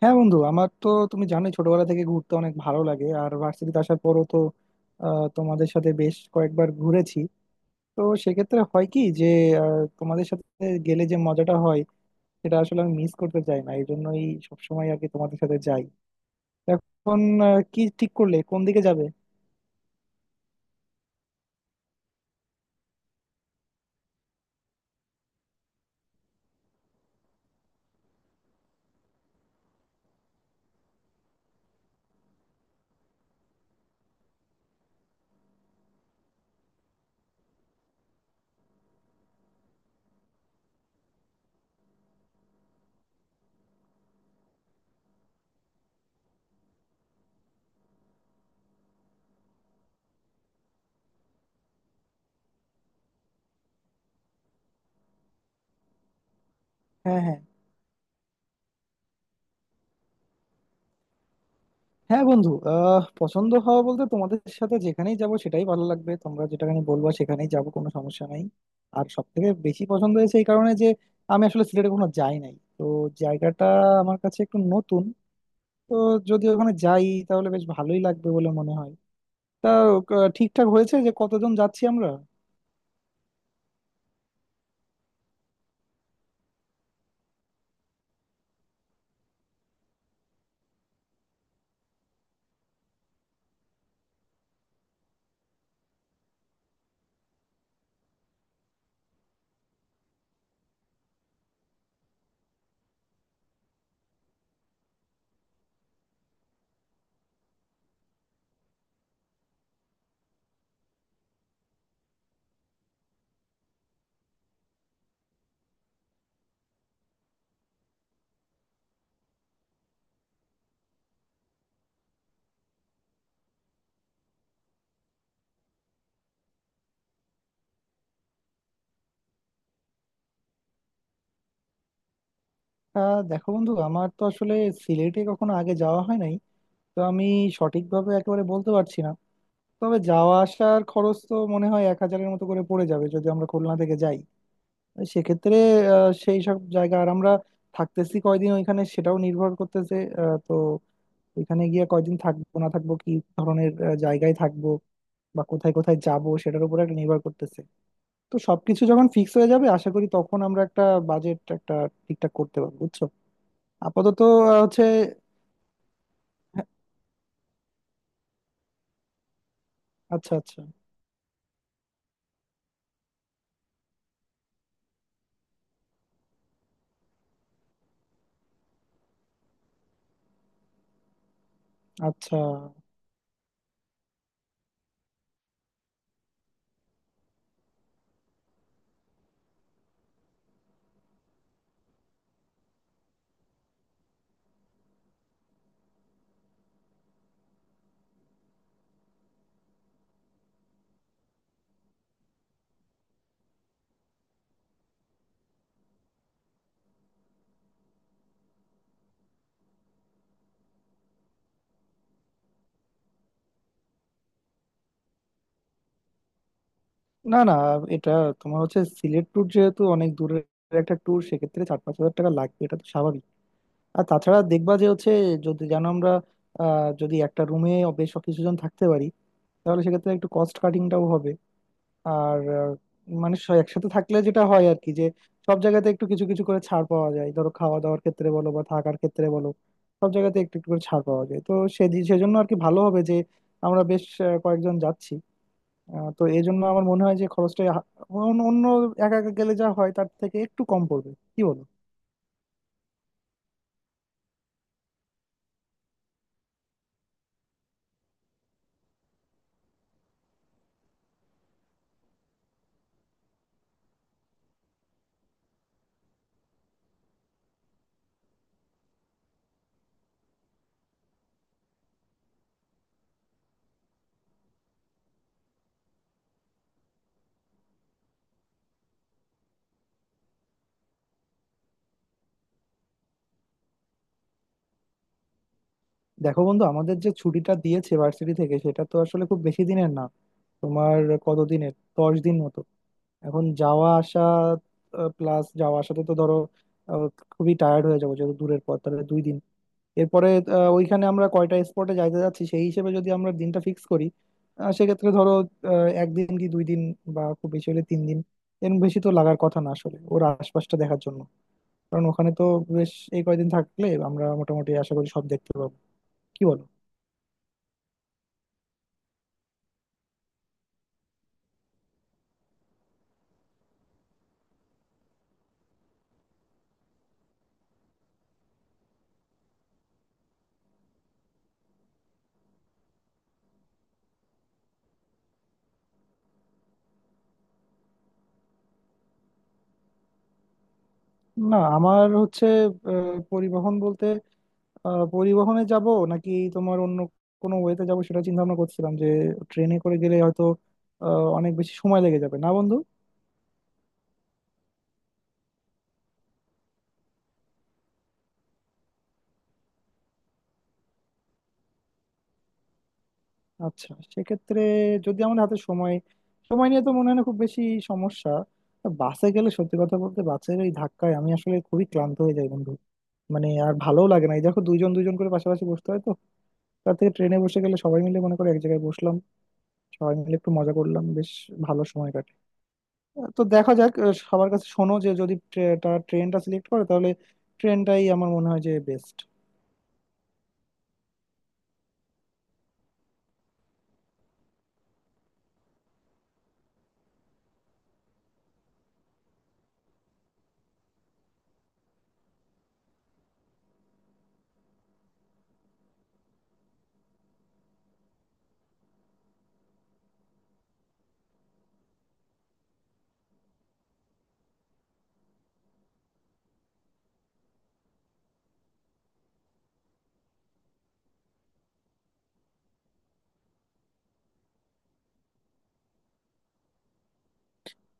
হ্যাঁ বন্ধু, আমার তো তুমি জানোই ছোটবেলা থেকে ঘুরতে অনেক ভালো লাগে। আর ভার্সিটিতে আসার পরও তো তোমাদের সাথে বেশ কয়েকবার ঘুরেছি। তো সেক্ষেত্রে হয় কি যে তোমাদের সাথে গেলে যে মজাটা হয় সেটা আসলে আমি মিস করতে চাই না, এই জন্যই সবসময় আর কি তোমাদের সাথে যাই। এখন কি ঠিক করলে কোন দিকে যাবে? হ্যাঁ হ্যাঁ। হ্যাঁ বন্ধু, পছন্দ হওয়া বলতে তোমাদের সাথে যেখানেই যাব সেটাই ভালো লাগবে, তোমরা যেটাখানে বলবা সেখানেই যাব, কোনো সমস্যা নাই। আর সব থেকে বেশি পছন্দ হয়েছে এই কারণে যে আমি আসলে সিলেটে কখনো যাই নাই, তো জায়গাটা আমার কাছে একটু নতুন। তো যদি ওখানে যাই তাহলে বেশ ভালোই লাগবে বলে মনে হয়। তা ঠিকঠাক হয়েছে যে কতজন যাচ্ছি আমরা? দেখো বন্ধু, আমার তো আসলে সিলেটে কখনো আগে যাওয়া হয় নাই, তো আমি সঠিকভাবে একেবারে বলতে পারছি না। তবে যাওয়া আসার খরচ তো মনে হয় এক হাজারের মতো করে পড়ে যাবে যদি আমরা খুলনা থেকে যাই। সেক্ষেত্রে সেই সব জায়গা আর আমরা থাকতেছি কয়দিন ওইখানে সেটাও নির্ভর করতেছে। তো ওইখানে গিয়ে কয়দিন থাকবো না থাকবো, কি ধরনের জায়গায় থাকবো বা কোথায় কোথায় যাব সেটার উপর একটা নির্ভর করতেছে। তো সবকিছু যখন ফিক্স হয়ে যাবে আশা করি তখন আমরা একটা বাজেট একটা ঠিকঠাক করতে পারবো, বুঝছো। আপাতত হচ্ছে। হ্যাঁ। আচ্ছা আচ্ছা। আচ্ছা। না না, এটা তোমার হচ্ছে সিলেট ট্যুর যেহেতু অনেক দূরের একটা ট্যুর, সেক্ষেত্রে 4-5 হাজার টাকা লাগবে এটা তো স্বাভাবিক। আর তাছাড়া দেখবা যে হচ্ছে যদি যেন আমরা যদি একটা রুমে বেশ কিছুজন থাকতে পারি তাহলে সেক্ষেত্রে একটু কস্ট কাটিংটাও হবে। আর মানে একসাথে থাকলে যেটা হয় আর কি, যে সব জায়গাতে একটু কিছু কিছু করে ছাড় পাওয়া যায়, ধরো খাওয়া দাওয়ার ক্ষেত্রে বলো বা থাকার ক্ষেত্রে বলো। সব জায়গাতে একটু একটু করে ছাড় পাওয়া যায়। তো সেজন্য আর কি ভালো হবে যে আমরা বেশ কয়েকজন যাচ্ছি। তো এই জন্য আমার মনে হয় যে খরচটা অন্য অন্য একা একা গেলে যা হয় তার থেকে একটু কম পড়বে, কি বলো? দেখো বন্ধু, আমাদের যে ছুটিটা দিয়েছে ভার্সিটি থেকে সেটা তো আসলে খুব বেশি দিনের না। তোমার কতদিনের, 10 দিন মতো? এখন যাওয়া আসা প্লাস যাওয়া আসাতে তো ধরো আহ, খুবই টায়ার্ড হয়ে যাবো যেহেতু দূরের পথ, তাহলে 2 দিন। এরপরে ওইখানে আমরা কয়টা স্পটে যাইতে যাচ্ছি সেই হিসেবে যদি আমরা দিনটা ফিক্স করি। সেক্ষেত্রে ধরো একদিন কি 2 দিন বা খুব বেশি হলে 3 দিন, এর বেশি তো লাগার কথা না আসলে ওর আশপাশটা দেখার জন্য। কারণ ওখানে তো বেশ এই কয়দিন থাকলে আমরা মোটামুটি আশা করি সব দেখতে পাবো, কি বলো? না আমার হচ্ছে পরিবহন বলতে পরিবহনে যাব নাকি তোমার অন্য কোনো ওয়েতে যাব সেটা চিন্তা ভাবনা করছিলাম, যে ট্রেনে করে গেলে হয়তো আহ, অনেক বেশি সময় লেগে যাবে না বন্ধু? আচ্ছা, সেক্ষেত্রে যদি আমার হাতে সময় সময় নিয়ে তো মনে হয় না খুব বেশি সমস্যা। তা বাসে গেলে সত্যি কথা বলতে বাসের এই ধাক্কায় আমি আসলে খুবই ক্লান্ত হয়ে যাই বন্ধু। মানে আর ভালোও লাগে না, এই দেখো দুইজন দুইজন করে পাশাপাশি বসতে হয় তো। তার থেকে ট্রেনে বসে গেলে সবাই মিলে মনে করে এক জায়গায় বসলাম, সবাই মিলে একটু মজা করলাম, বেশ ভালো সময় কাটে। তো দেখা যাক, সবার কাছে শোনো যে যদি তারা ট্রেনটা সিলেক্ট করে তাহলে ট্রেনটাই আমার মনে হয় যে বেস্ট।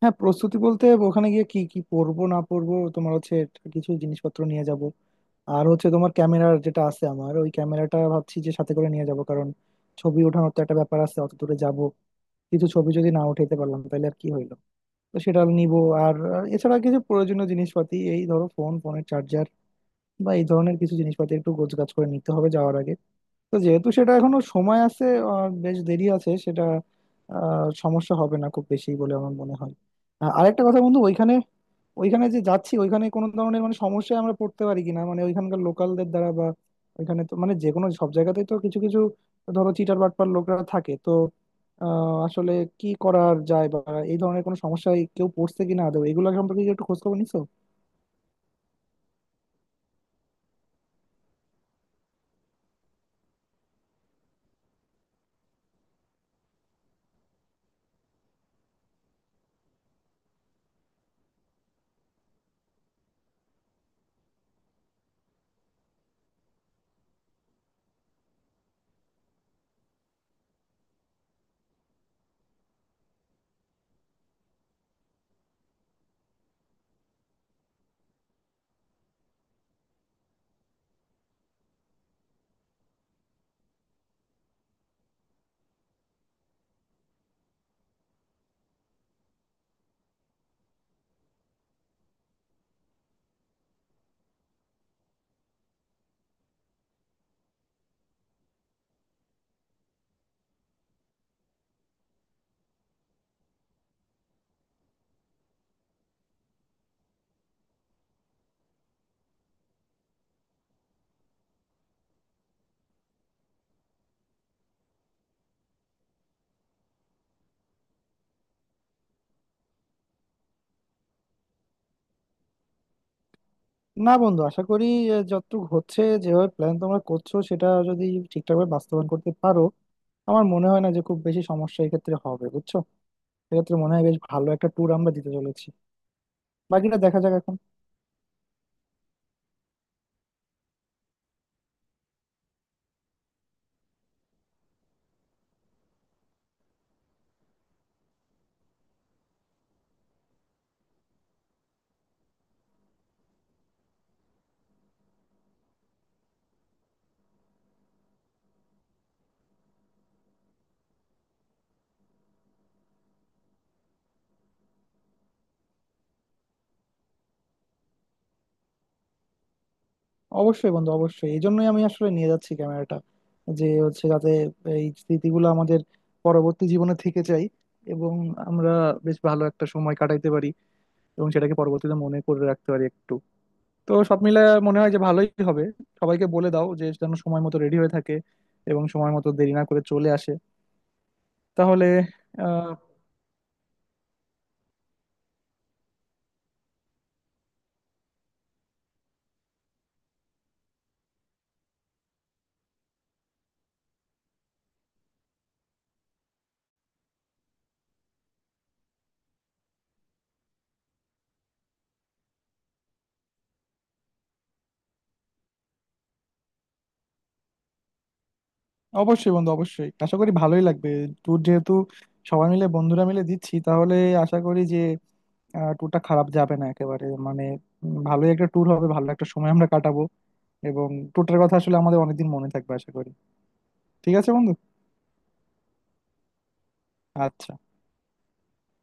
হ্যাঁ, প্রস্তুতি বলতে ওখানে গিয়ে কি কি পরবো না পরবো তোমার হচ্ছে কিছু জিনিসপত্র নিয়ে যাব। আর হচ্ছে তোমার ক্যামেরার যেটা আছে আমার, ওই ক্যামেরাটা ভাবছি যে সাথে করে নিয়ে যাব, কারণ ছবি ওঠানোর তো একটা ব্যাপার আছে, অত দূরে যাব কিছু ছবি যদি না উঠাইতে পারলাম তাহলে আর কি হইলো। তো সেটা নিব। আর আর এছাড়া কিছু প্রয়োজনীয় জিনিসপাতি, এই ধরো ফোন, ফোনের চার্জার বা এই ধরনের কিছু জিনিসপাতি একটু গোছগাছ করে নিতে হবে যাওয়ার আগে। তো যেহেতু সেটা এখনো সময় আছে, আর বেশ দেরি আছে সেটা, সমস্যা হবে না খুব বেশি বলে আমার মনে হয়। আরেকটা কথা বন্ধু, ওইখানে ওইখানে যে যাচ্ছি ওইখানে কোনো ধরনের মানে সমস্যায় আমরা পড়তে পারি কিনা, মানে ওইখানকার লোকালদের দ্বারা বা। ওইখানে তো মানে যে কোনো সব জায়গাতেই তো কিছু কিছু, ধরো চিটার বাটপার লোকরা থাকে তো, আসলে কি করার যায় বা এই ধরনের কোনো সমস্যায় কেউ পড়ছে কিনা আদৌ, এগুলো সম্পর্কে কি একটু খোঁজ খবর নিছো? না বন্ধু, আশা করি যতটুকু হচ্ছে যেভাবে প্ল্যান তোমরা করছো সেটা যদি ঠিকঠাকভাবে বাস্তবায়ন করতে পারো, আমার মনে হয় না যে খুব বেশি সমস্যা এক্ষেত্রে হবে, বুঝছো। এক্ষেত্রে মনে হয় বেশ ভালো একটা ট্যুর আমরা দিতে চলেছি। বাকিটা দেখা যাক এখন। অবশ্যই বন্ধু, অবশ্যই, এই জন্যই আমি আসলে নিয়ে যাচ্ছি ক্যামেরাটা, যে হচ্ছে যাতে এই স্মৃতিগুলো আমাদের পরবর্তী জীবনে থেকে যায়, এবং আমরা বেশ ভালো একটা সময় কাটাইতে পারি এবং সেটাকে পরবর্তীতে মনে করে রাখতে পারি একটু। তো সব মিলে মনে হয় যে ভালোই হবে। সবাইকে বলে দাও যে যেন সময় মতো রেডি হয়ে থাকে এবং সময় মতো দেরি না করে চলে আসে তাহলে। আহ অবশ্যই বন্ধু, অবশ্যই, আশা করি ভালোই লাগবে। ট্যুর যেহেতু সবাই মিলে বন্ধুরা মিলে দিচ্ছি তাহলে আশা করি যে ট্যুরটা খারাপ যাবে না একেবারে। মানে ভালোই একটা ট্যুর হবে, ভালো একটা সময় আমরা কাটাবো এবং ট্যুরটার কথা আসলে আমাদের অনেকদিন মনে থাকবে আশা করি। ঠিক আছে বন্ধু। আচ্ছা।